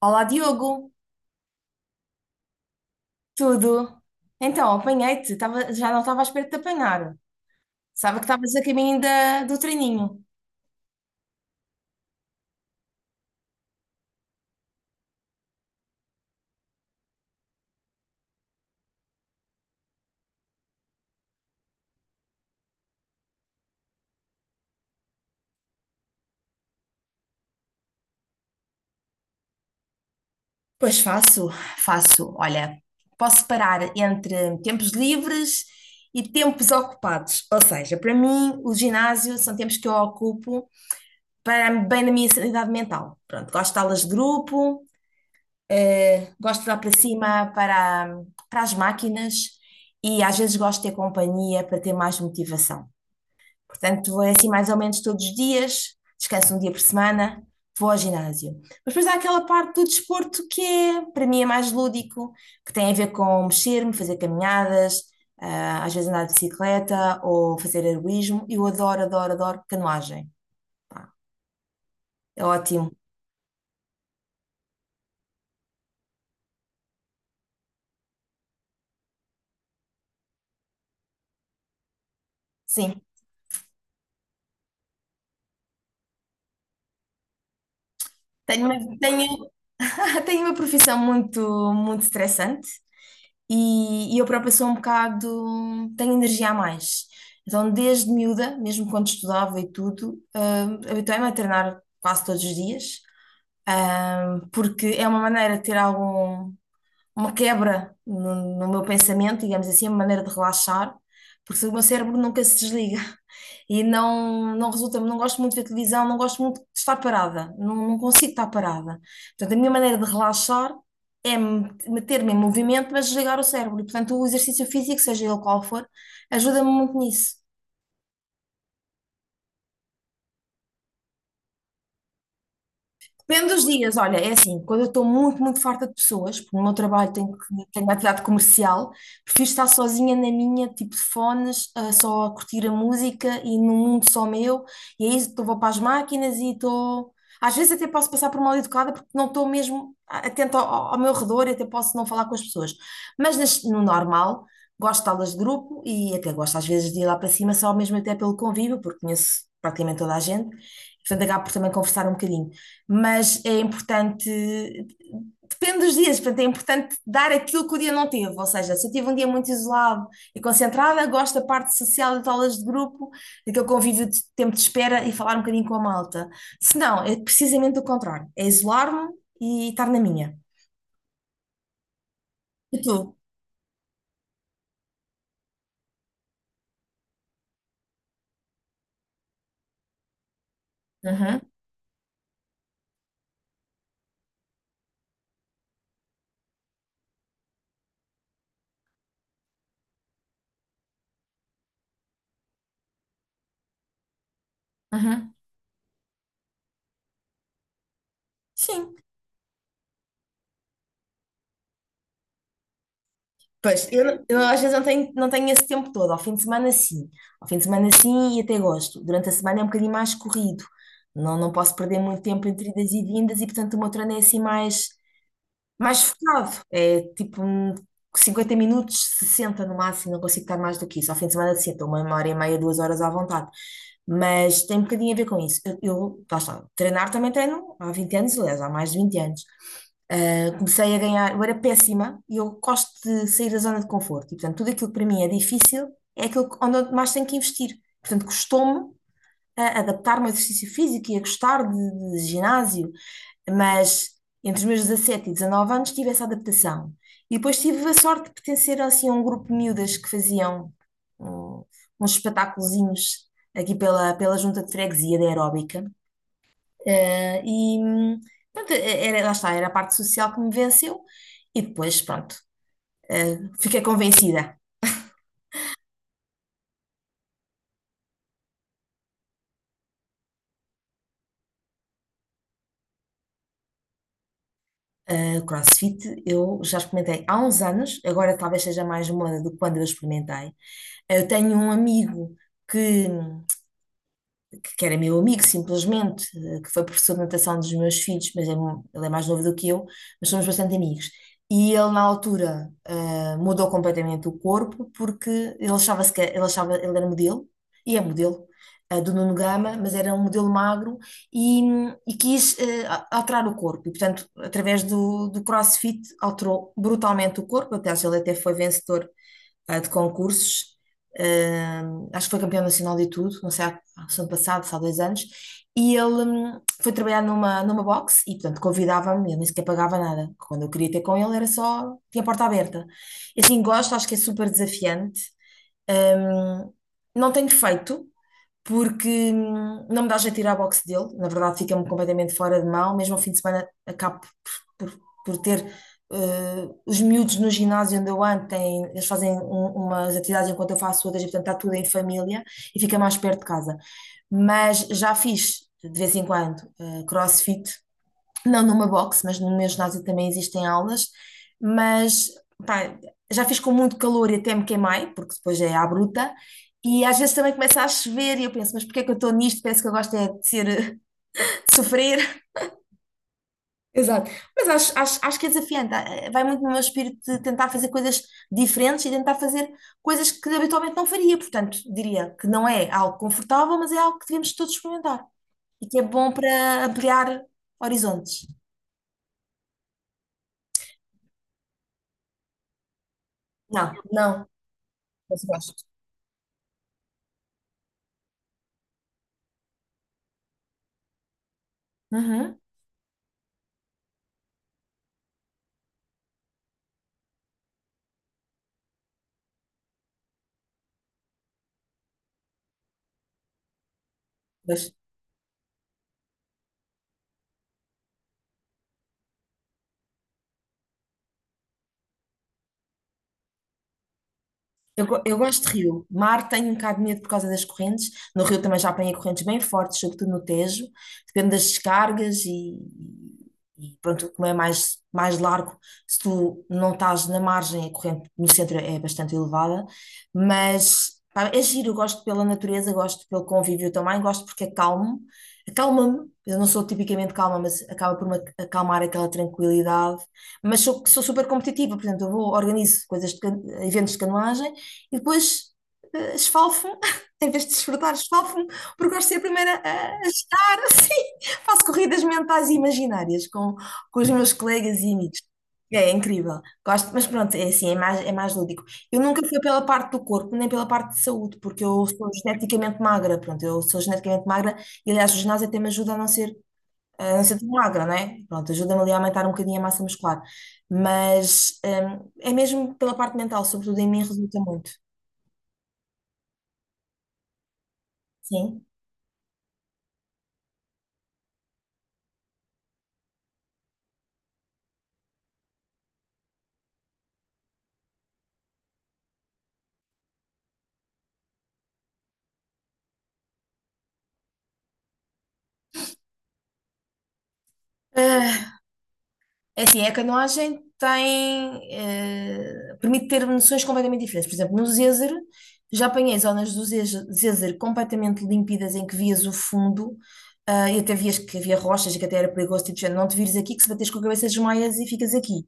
Olá, Diogo, tudo? Então, apanhei-te, já não estava à espera de te apanhar. Sabe que estavas a caminho do treininho. Pois faço, faço. Olha, posso parar entre tempos livres e tempos ocupados. Ou seja, para mim, o ginásio são tempos que eu ocupo para bem na minha sanidade mental. Pronto, gosto de aulas de grupo, gosto de dar para cima para as máquinas e às vezes gosto de ter companhia para ter mais motivação. Portanto, é assim mais ou menos todos os dias, descanso um dia por semana, vou ao ginásio. Mas depois há aquela parte do desporto que é, para mim, é mais lúdico, que tem a ver com mexer-me, fazer caminhadas, às vezes andar de bicicleta ou fazer heroísmo. Eu adoro, adoro, adoro canoagem. Pá, é ótimo. Sim. Tenho uma, tenho, tenho uma profissão muito, muito estressante. E eu própria sou um bocado, tenho energia a mais. Então, desde miúda, mesmo quando estudava e tudo, habituei-me a treinar quase todos os dias, porque é uma maneira de ter algum, uma quebra no meu pensamento, digamos assim, uma maneira de relaxar, porque o meu cérebro nunca se desliga e não resulta, não gosto muito de ver televisão, não gosto muito de estar parada, não consigo estar parada. Portanto, a minha maneira de relaxar é meter-me em movimento, mas desligar o cérebro. E, portanto, o exercício físico, seja ele qual for, ajuda-me muito nisso. Depende dos dias, olha, é assim, quando eu estou muito, muito farta de pessoas, porque no meu trabalho tenho, tenho uma atividade comercial, prefiro estar sozinha na minha, tipo de fones, só a curtir a música e num mundo só meu, e aí estou vou para as máquinas e estou. Às vezes até posso passar por mal educada porque não estou mesmo atenta ao meu redor e até posso não falar com as pessoas. Mas no normal, gosto de aulas de grupo e até gosto às vezes de ir lá para cima, só mesmo até pelo convívio, porque conheço praticamente toda a gente, portanto acabo por também conversar um bocadinho, mas é importante, depende dos dias, portanto, é importante dar aquilo que o dia não teve, ou seja, se eu tive um dia muito isolado e concentrada, gosto da parte social das aulas de grupo, daquele convívio de tempo de espera e falar um bocadinho com a malta. Se não, é precisamente o contrário, é isolar-me e estar na minha. E tu? Uhum, uhum. Sim. Pois, eu, eu às vezes não tenho, não tenho esse tempo todo. Ao fim de semana, sim. Ao fim de semana, sim, e até gosto. Durante a semana é um bocadinho mais corrido. Não, não posso perder muito tempo entre idas e vindas e, portanto, o meu treino é assim mais. Mais focado. É tipo um 50 minutos, 60 no máximo, não consigo estar mais do que isso. Ao fim de semana, sim, uma hora e meia, duas horas à vontade. Mas tem um bocadinho a ver com isso. Eu lá está, treinar também treino há 20 anos, aliás, há mais de 20 anos. Ah, comecei a ganhar, eu era péssima e eu gosto de sair da zona de conforto. E, portanto, tudo aquilo que para mim é difícil é aquilo onde eu mais tenho que investir. Portanto, custou-me a adaptar-me ao exercício físico e a gostar de ginásio, mas entre os meus 17 e 19 anos tive essa adaptação. E depois tive a sorte de pertencer assim a um grupo de miúdas que faziam hum, uns espetáculozinhos aqui pela junta de freguesia da aeróbica. Eh, e hum, pronto, era, lá está, era a parte social que me venceu. E depois, pronto, fiquei convencida. O CrossFit eu já experimentei há uns anos, agora talvez seja mais moda do que quando eu experimentei. Eu tenho um amigo que que era meu amigo, simplesmente, que foi professor de natação dos meus filhos, mas é ele é mais novo do que eu, mas somos bastante amigos. E ele, na altura, mudou completamente o corpo, porque ele achava, ele era modelo, e é modelo, do Nuno Gama, mas era um modelo magro e, e quis alterar o corpo. E, portanto, através do CrossFit, alterou brutalmente o corpo. Aliás, ele até foi vencedor de concursos. Acho que foi campeão nacional de tudo, não sei, há ano passado, se há 2 anos, e ele foi trabalhar numa box e, portanto, convidava-me, ele nem sequer pagava nada. Quando eu queria ter com ele, era só, tinha a porta aberta. E assim, gosto, acho que é super desafiante. Hum, não tenho feito, porque não me dá jeito de ir à boxe dele. Na verdade, fica-me completamente fora de mão. Mesmo ao fim de semana, acabo por, por- por ter. Eh, os miúdos no ginásio onde eu ando têm, eles fazem umas atividades enquanto eu faço outras, e portanto está tudo em família e fica mais perto de casa. Mas já fiz de vez em quando CrossFit, não numa box, mas no meu ginásio também existem aulas, mas pá, já fiz com muito calor e até me queimei, porque depois é à bruta, e às vezes também começa a chover e eu penso, mas porquê é que eu estou nisto? Penso que eu gosto é de ser, de sofrer. Exato, mas acho, acho, acho que é desafiante. Ah, ah, vai muito no meu espírito de tentar fazer coisas diferentes e tentar fazer coisas que habitualmente não faria, portanto, diria que não é algo confortável, mas é algo que devemos todos experimentar e que é bom para ampliar horizontes. Não, não, mas eu gosto. Aham. Vai, eu, eu gosto de rio. Mar tenho um bocado de medo por causa das correntes. No rio também já apanhei correntes bem fortes, sobretudo no Tejo. Depende das descargas e pronto, como é mais, mais largo, se tu não estás na margem, a corrente no centro é bastante elevada. Mas pá, é giro, eu gosto pela natureza, gosto pelo convívio também, gosto porque é calmo. Acalma-me. Eu não sou tipicamente calma, mas acaba por me acalmar aquela tranquilidade. Mas sou, sou super competitiva, por exemplo, eu vou, organizo coisas de, eventos de canoagem e depois esfalfo, em vez de desfrutar, esfalfo-me, porque gosto de ser a primeira a estar assim. Faço corridas mentais e imaginárias com os meus colegas e amigos. É incrível, gosto, mas pronto, é assim, é mais lúdico. Eu nunca fui pela parte do corpo, nem pela parte de saúde, porque eu sou geneticamente magra, pronto, eu sou geneticamente magra e aliás o ginásio até me ajuda a a não ser tão magra, não é? Pronto, ajuda-me ali a aumentar um bocadinho a massa muscular, mas é mesmo pela parte mental, sobretudo em mim resulta muito. Sim. Ah, É assim, é que a canoagem tem, permite ter noções completamente diferentes. Por exemplo, no Zézer, já apanhei zonas do Zézer completamente límpidas em que vias o fundo, ah, e até vias que havia rochas e que até era perigoso, tipo, de género, não te vires aqui que se bateres com a cabeça desmaias e ficas aqui.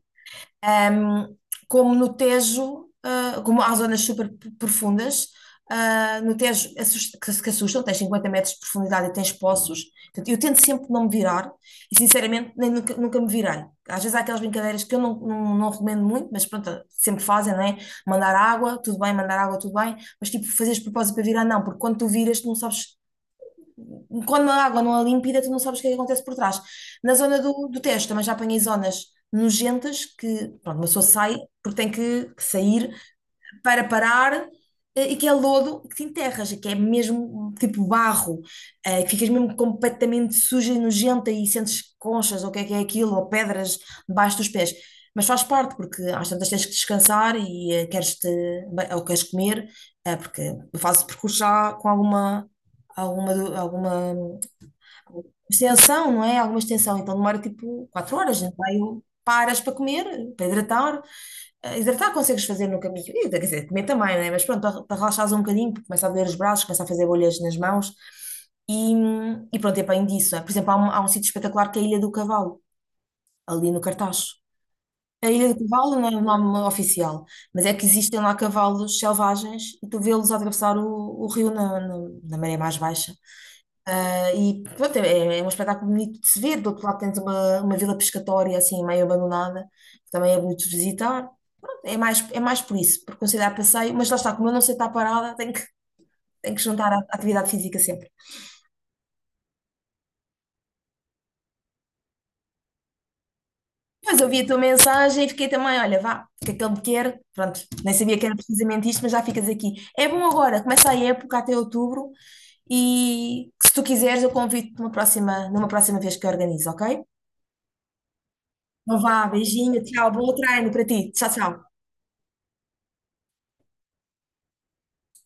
Um, como no Tejo, como há zonas super profundas, no Tejo assust- que se que assustam, tens 50 metros de profundidade e tens poços. Portanto, eu tento sempre não me virar e, sinceramente, nem, nunca, nunca me virei. Às vezes há aquelas brincadeiras que eu não recomendo muito, mas pronto, sempre fazem, não é? Mandar água, tudo bem, mandar água, tudo bem, mas tipo, fazeres propósito para virar, não, porque quando tu viras, tu não sabes quando a água não é límpida, tu não sabes o que é que acontece por trás. Na zona do teste, também já apanhei zonas nojentas que, pronto, uma pessoa sai porque tem que sair para parar, e que é lodo que te enterras, que é mesmo tipo barro, que ficas mesmo completamente suja e nojenta e sentes conchas ou o que é aquilo, ou pedras debaixo dos pés. Mas faz parte, porque às tantas tens que descansar e queres te, ou queres comer, porque fazes percurso já com alguma, alguma extensão, não é? Alguma extensão, então demora tipo 4 horas, né? Aí eu paras para comer, para hidratar. Ah, hidratar consegues fazer no caminho, e, quer dizer, comer também, não é? Mas pronto, para relaxares um bocadinho, porque começa a doer os braços, começa a fazer bolhas nas mãos e, e pronto, é bem disso, não é? Por exemplo, há um sítio espetacular que é a Ilha do Cavalo, ali no Cartaxo. A Ilha do Cavalo não é o nome oficial, mas é que existem lá cavalos selvagens e tu vê-los atravessar o rio na maré mais baixa. Ah, e pronto, é um espetáculo bonito de se ver. Do outro lado tens uma vila pescatória assim meio abandonada, que também é bonito de visitar. Pronto, é mais, é mais por isso, por considerar passeio, mas lá está, como eu não sei estar parada, tenho que juntar a atividade física sempre. Mas eu vi a tua mensagem e fiquei também, olha, vá, o que é que ele me quer? Pronto, nem sabia que era precisamente isto, mas já ficas aqui. É bom agora, começa a época até outubro e se tu quiseres eu convido-te numa próxima vez que eu organizo, ok? Então vá, beijinho, tchau, bom treino para ti. Tchau, tchau.